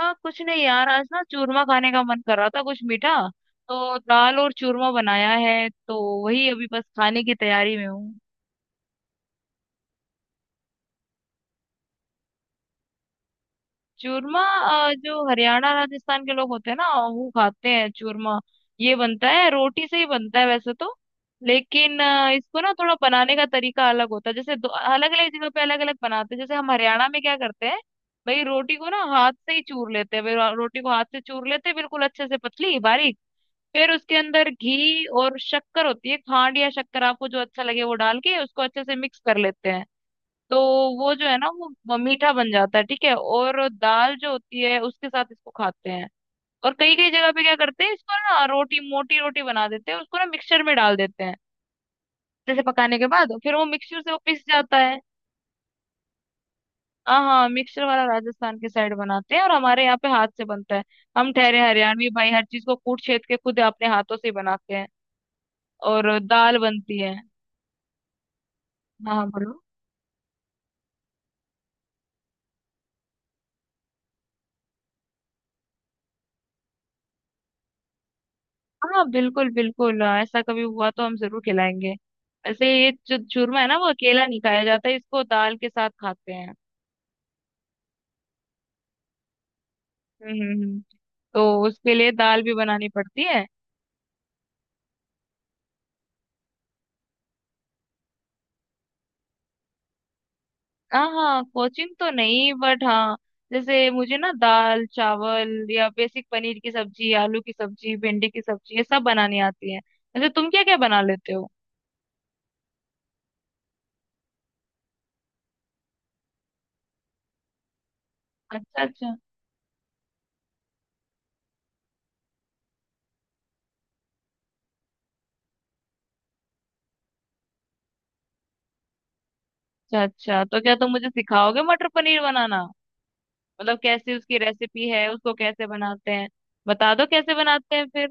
हाँ, कुछ नहीं यार। आज ना चूरमा खाने का मन कर रहा था, कुछ मीठा। तो दाल और चूरमा बनाया है, तो वही अभी बस खाने की तैयारी में हूँ। चूरमा। जो हरियाणा राजस्थान के लोग होते हैं ना, वो खाते हैं चूरमा। ये बनता है, रोटी से ही बनता है वैसे तो। लेकिन इसको ना थोड़ा बनाने का तरीका अलग होता है। जैसे अलग अलग जगह पे अलग अलग बनाते हैं। जैसे हम हरियाणा में क्या करते हैं, भाई रोटी को ना हाथ से ही चूर लेते हैं। भाई रोटी को हाथ से चूर लेते हैं, बिल्कुल अच्छे से पतली बारीक। फिर उसके अंदर घी और शक्कर होती है, खांड या शक्कर, आपको जो अच्छा लगे वो डाल के उसको अच्छे से मिक्स कर लेते हैं। तो वो जो है ना, वो मीठा बन जाता है, ठीक है। और दाल जो होती है उसके साथ इसको खाते हैं। और कई कई जगह पे क्या करते हैं, इसको ना रोटी, मोटी रोटी बना देते हैं, उसको ना मिक्सचर में डाल देते हैं। जैसे पकाने के बाद फिर वो मिक्सचर से वो पिस जाता है। हाँ हाँ, मिक्सचर वाला राजस्थान के साइड बनाते हैं, और हमारे यहाँ पे हाथ से बनता है। हम ठहरे हरियाणवी भाई, हर चीज को कूट छेद के खुद अपने हाथों से ही बनाते हैं। और दाल बनती है। हाँ बोलो। हाँ बिल्कुल बिल्कुल। हाँ, ऐसा कभी हुआ तो हम जरूर खिलाएंगे। वैसे ये जो चूरमा है ना, वो अकेला नहीं खाया जाता, इसको दाल के साथ खाते हैं। हम्म हम्म हम्म। तो उसके लिए दाल भी बनानी पड़ती है। हाँ हाँ, कोचिंग तो नहीं, बट हाँ, जैसे मुझे ना दाल चावल या बेसिक पनीर की सब्जी, आलू की सब्जी, भिंडी की सब्जी, ये सब बनानी आती है। वैसे तुम क्या क्या बना लेते हो। अच्छा अच्छा। अच्छा अच्छा, तो क्या तुम मुझे सिखाओगे मटर पनीर बनाना। मतलब कैसी उसकी रेसिपी है, उसको कैसे बनाते हैं। बता दो कैसे बनाते हैं फिर।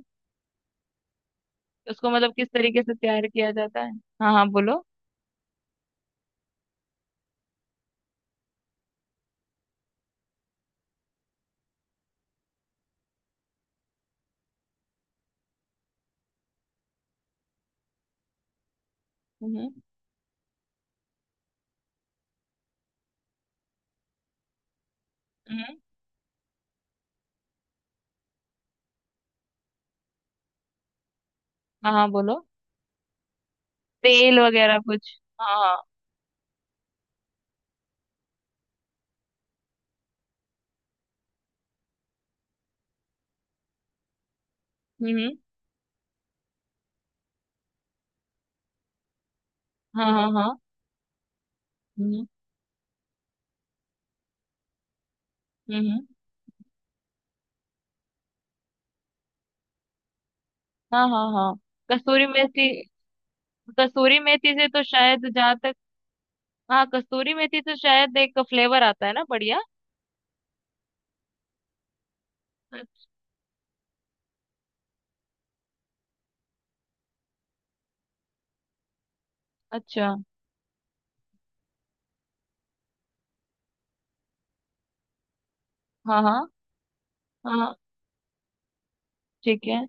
उसको मतलब किस तरीके से तैयार किया जाता है। हाँ हाँ बोलो। हम्म हम्म। हाँ हाँ बोलो। तेल वगैरह कुछ, हाँ हाँ। हम्म। हाँ हाँ हाँ। हम्म हम्म। हाँ हाँ हाँ। कसूरी मेथी। कसूरी मेथी से तो शायद जहाँ तक, हाँ कसूरी मेथी तो शायद एक फ्लेवर आता है ना बढ़िया। अच्छा। हाँ हाँ हाँ। ठीक है।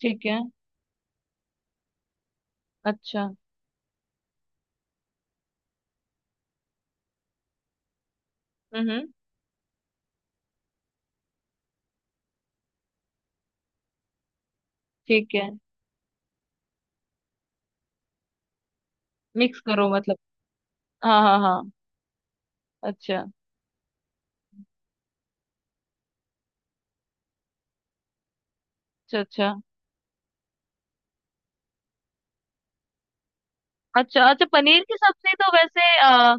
ठीक है, अच्छा। हम्म। ठीक है। मिक्स करो मतलब, हाँ हाँ हाँ। अच्छा अच्छा। अच्छा। अच्छा अच्छा, पनीर की सब्जी तो वैसे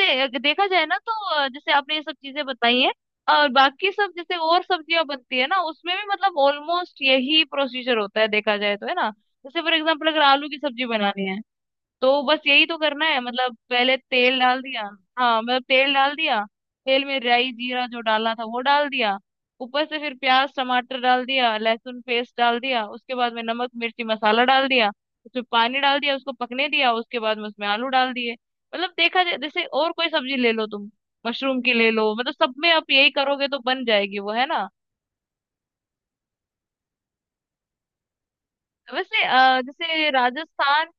से अगर देखा जाए ना तो, जैसे आपने ये सब चीजें बताई हैं, और बाकी सब जैसे और सब्जियां बनती है ना, उसमें भी मतलब ऑलमोस्ट यही प्रोसीजर होता है देखा जाए तो, है ना। जैसे फॉर एग्जांपल अगर आलू की सब्जी बनानी है, तो बस यही तो करना है। मतलब पहले तेल डाल दिया। हाँ मतलब तेल डाल दिया, तेल में राई जीरा जो डालना था वो डाल दिया। ऊपर से फिर प्याज टमाटर डाल दिया, लहसुन पेस्ट डाल दिया, उसके बाद में नमक मिर्ची मसाला डाल दिया। उसमें पानी डाल दिया, उसको पकने दिया, उसके बाद में उसमें आलू डाल दिए। मतलब देखा जाए, जैसे और कोई सब्जी ले लो तुम, मशरूम की ले लो, मतलब सब में आप यही करोगे तो बन जाएगी वो, है ना। वैसे जैसे राजस्थान,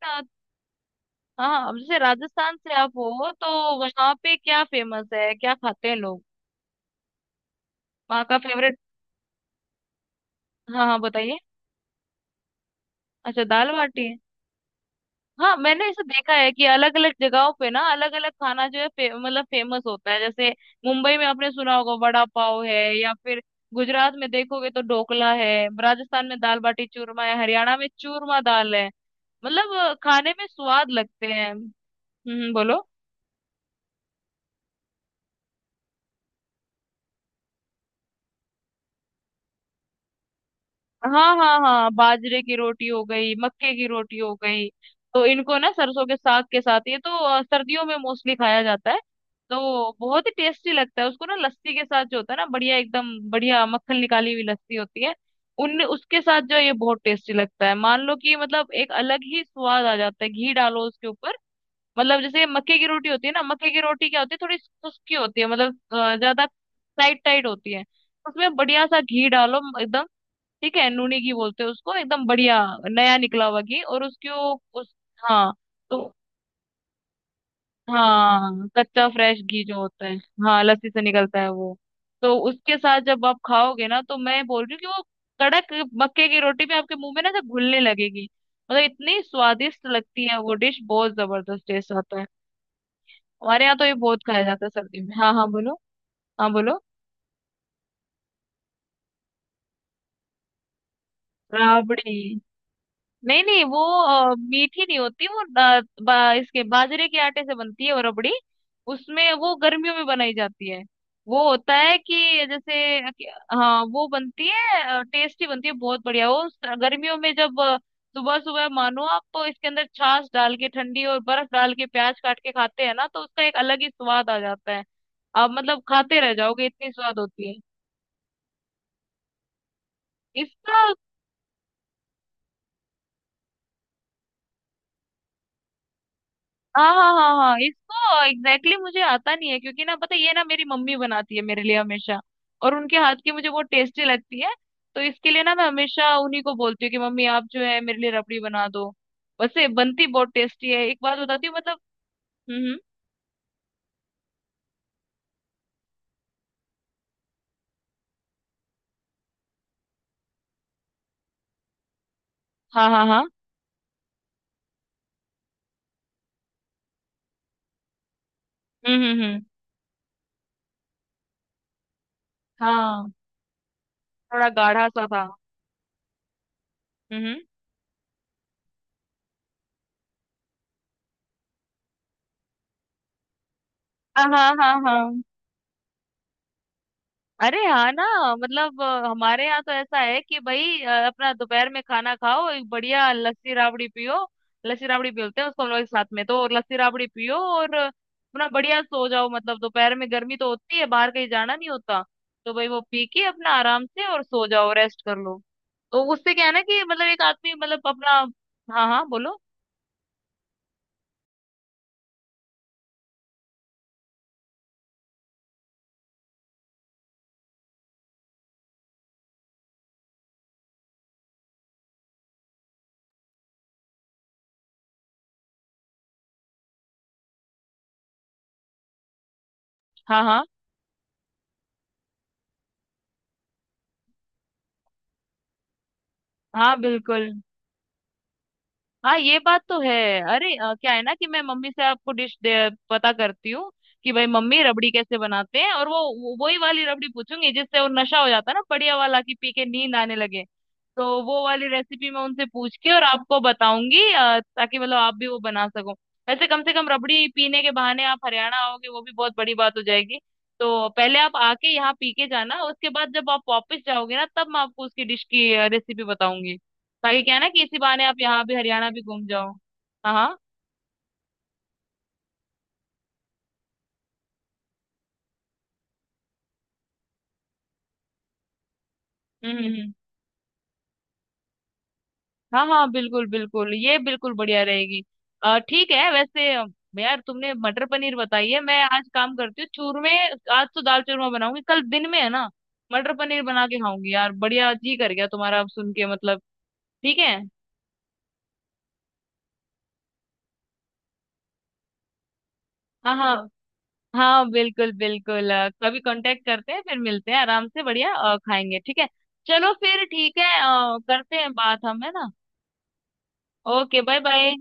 हाँ अब जैसे राजस्थान से आप हो तो, वहाँ पे क्या फेमस है, क्या खाते हैं लोग, वहाँ का फेवरेट। हाँ हाँ बताइए। अच्छा दाल बाटी है। हाँ मैंने ऐसा देखा है कि अलग अलग जगहों पे ना अलग अलग खाना जो है मतलब फेमस होता है। जैसे मुंबई में आपने सुना होगा वड़ा पाव है, या फिर गुजरात में देखोगे तो ढोकला है, राजस्थान में दाल बाटी चूरमा है, हरियाणा में चूरमा दाल है। मतलब खाने में स्वाद लगते हैं। बोलो। हाँ हाँ हाँ, बाजरे की रोटी हो गई, मक्के की रोटी हो गई, तो इनको ना सरसों के साग के साथ, ये तो सर्दियों में मोस्टली खाया जाता है। तो बहुत ही टेस्टी लगता है, उसको ना लस्सी के साथ जो होता है ना, बढ़िया एकदम बढ़िया मक्खन निकाली हुई लस्सी होती है, उन उसके साथ जो है ये बहुत टेस्टी लगता है। मान लो कि मतलब एक अलग ही स्वाद आ जाता है, घी डालो उसके ऊपर। मतलब जैसे मक्के की रोटी होती है ना, मक्के की रोटी क्या होती है थोड़ी खुश्की होती है, मतलब ज्यादा टाइट टाइट होती है। उसमें बढ़िया सा घी डालो एकदम, ठीक है, नूनी घी बोलते हैं उसको, एकदम बढ़िया नया निकला हुआ घी, और उसकी वो उस, हाँ। तो हाँ कच्चा फ्रेश घी जो होता है। हाँ लस्सी से निकलता है वो। तो उसके साथ जब आप खाओगे ना, तो मैं बोल रही हूँ कि वो कड़क मक्के की रोटी भी आपके मुंह में ना ऐसे घुलने लगेगी, मतलब इतनी स्वादिष्ट लगती है वो डिश, बहुत जबरदस्त टेस्ट आता है। हमारे यहाँ तो ये बहुत खाया जाता है सर्दी में। हाँ हाँ बोलो। हाँ बोलो। राबड़ी? नहीं नहीं, वो मीठी नहीं होती, वो इसके बाजरे के आटे से बनती है वो रबड़ी। उसमें वो गर्मियों में बनाई जाती है। वो होता है कि जैसे हाँ वो बनती है, टेस्टी बनती है बहुत बढ़िया। वो गर्मियों में जब सुबह सुबह मानो आप तो इसके अंदर छाछ डाल के ठंडी और बर्फ डाल के प्याज काट के खाते हैं ना, तो उसका एक अलग ही स्वाद आ जाता है। आप मतलब खाते रह जाओगे, इतनी स्वाद होती है। इसका, हाँ हाँ हाँ हाँ इसको, एग्जैक्टली exactly मुझे आता नहीं है, क्योंकि ना पता है, ये ना मेरी मम्मी बनाती है मेरे लिए हमेशा, और उनके हाथ की मुझे बहुत टेस्टी लगती है। तो इसके लिए ना मैं हमेशा उन्हीं को बोलती हूँ कि मम्मी आप जो है मेरे लिए रबड़ी बना दो। वैसे बनती बहुत टेस्टी है, एक बात बताती हूँ मतलब। हम्म हम्म, हाँ हाँ हाँ। हम्म। हाँ थोड़ा गाढ़ा सा था। हम्म हम्म, हाँ हाँ हाँ हाँ। अरे हाँ ना, मतलब हमारे यहाँ तो ऐसा है कि भाई, अपना दोपहर में खाना खाओ, एक बढ़िया लस्सी राबड़ी पियो, लस्सी राबड़ी बोलते हैं उसको हम लोग एक साथ में, तो लस्सी राबड़ी पियो और अपना बढ़िया सो जाओ। मतलब दोपहर में गर्मी तो होती है, बाहर कहीं जाना नहीं होता, तो भाई वो पी के अपना आराम से और सो जाओ, रेस्ट कर लो। तो उससे क्या है ना कि मतलब एक आदमी मतलब अपना, हाँ हाँ बोलो। हाँ हाँ हाँ बिल्कुल। हाँ ये बात तो है। अरे क्या है ना कि मैं मम्मी से आपको डिश पता करती हूँ, कि भाई मम्मी रबड़ी कैसे बनाते हैं, और वही वाली रबड़ी पूछूंगी जिससे वो नशा हो जाता है ना बढ़िया वाला, कि पी के नींद आने लगे। तो वो वाली रेसिपी मैं उनसे पूछ के और आपको बताऊंगी, ताकि मतलब आप भी वो बना सको। वैसे कम से कम रबड़ी पीने के बहाने आप हरियाणा आओगे, वो भी बहुत बड़ी बात हो जाएगी। तो पहले आप आके यहाँ पी के जाना, उसके बाद जब आप वापस जाओगे ना, तब मैं आपको उसकी डिश की रेसिपी बताऊंगी, ताकि क्या है ना कि इसी बहाने आप यहाँ भी, हरियाणा भी घूम जाओ। हाँ हाँ। हम्म हम्म, हाँ हाँ बिल्कुल बिल्कुल, ये बिल्कुल बढ़िया रहेगी। ठीक है। वैसे यार तुमने मटर पनीर बताई है, मैं आज काम करती हूँ चूरमे, आज तो दाल चूरमा बनाऊंगी, कल दिन में है ना मटर पनीर बना के खाऊंगी। यार बढ़िया जी कर गया तुम्हारा अब सुन के मतलब। ठीक है। हाँ हाँ। हाँ बिल्कुल बिल्कुल, कभी कांटेक्ट करते हैं, फिर मिलते हैं आराम से, बढ़िया खाएंगे, ठीक है। चलो फिर ठीक है, करते हैं बात हम, है ना। Okay bye bye.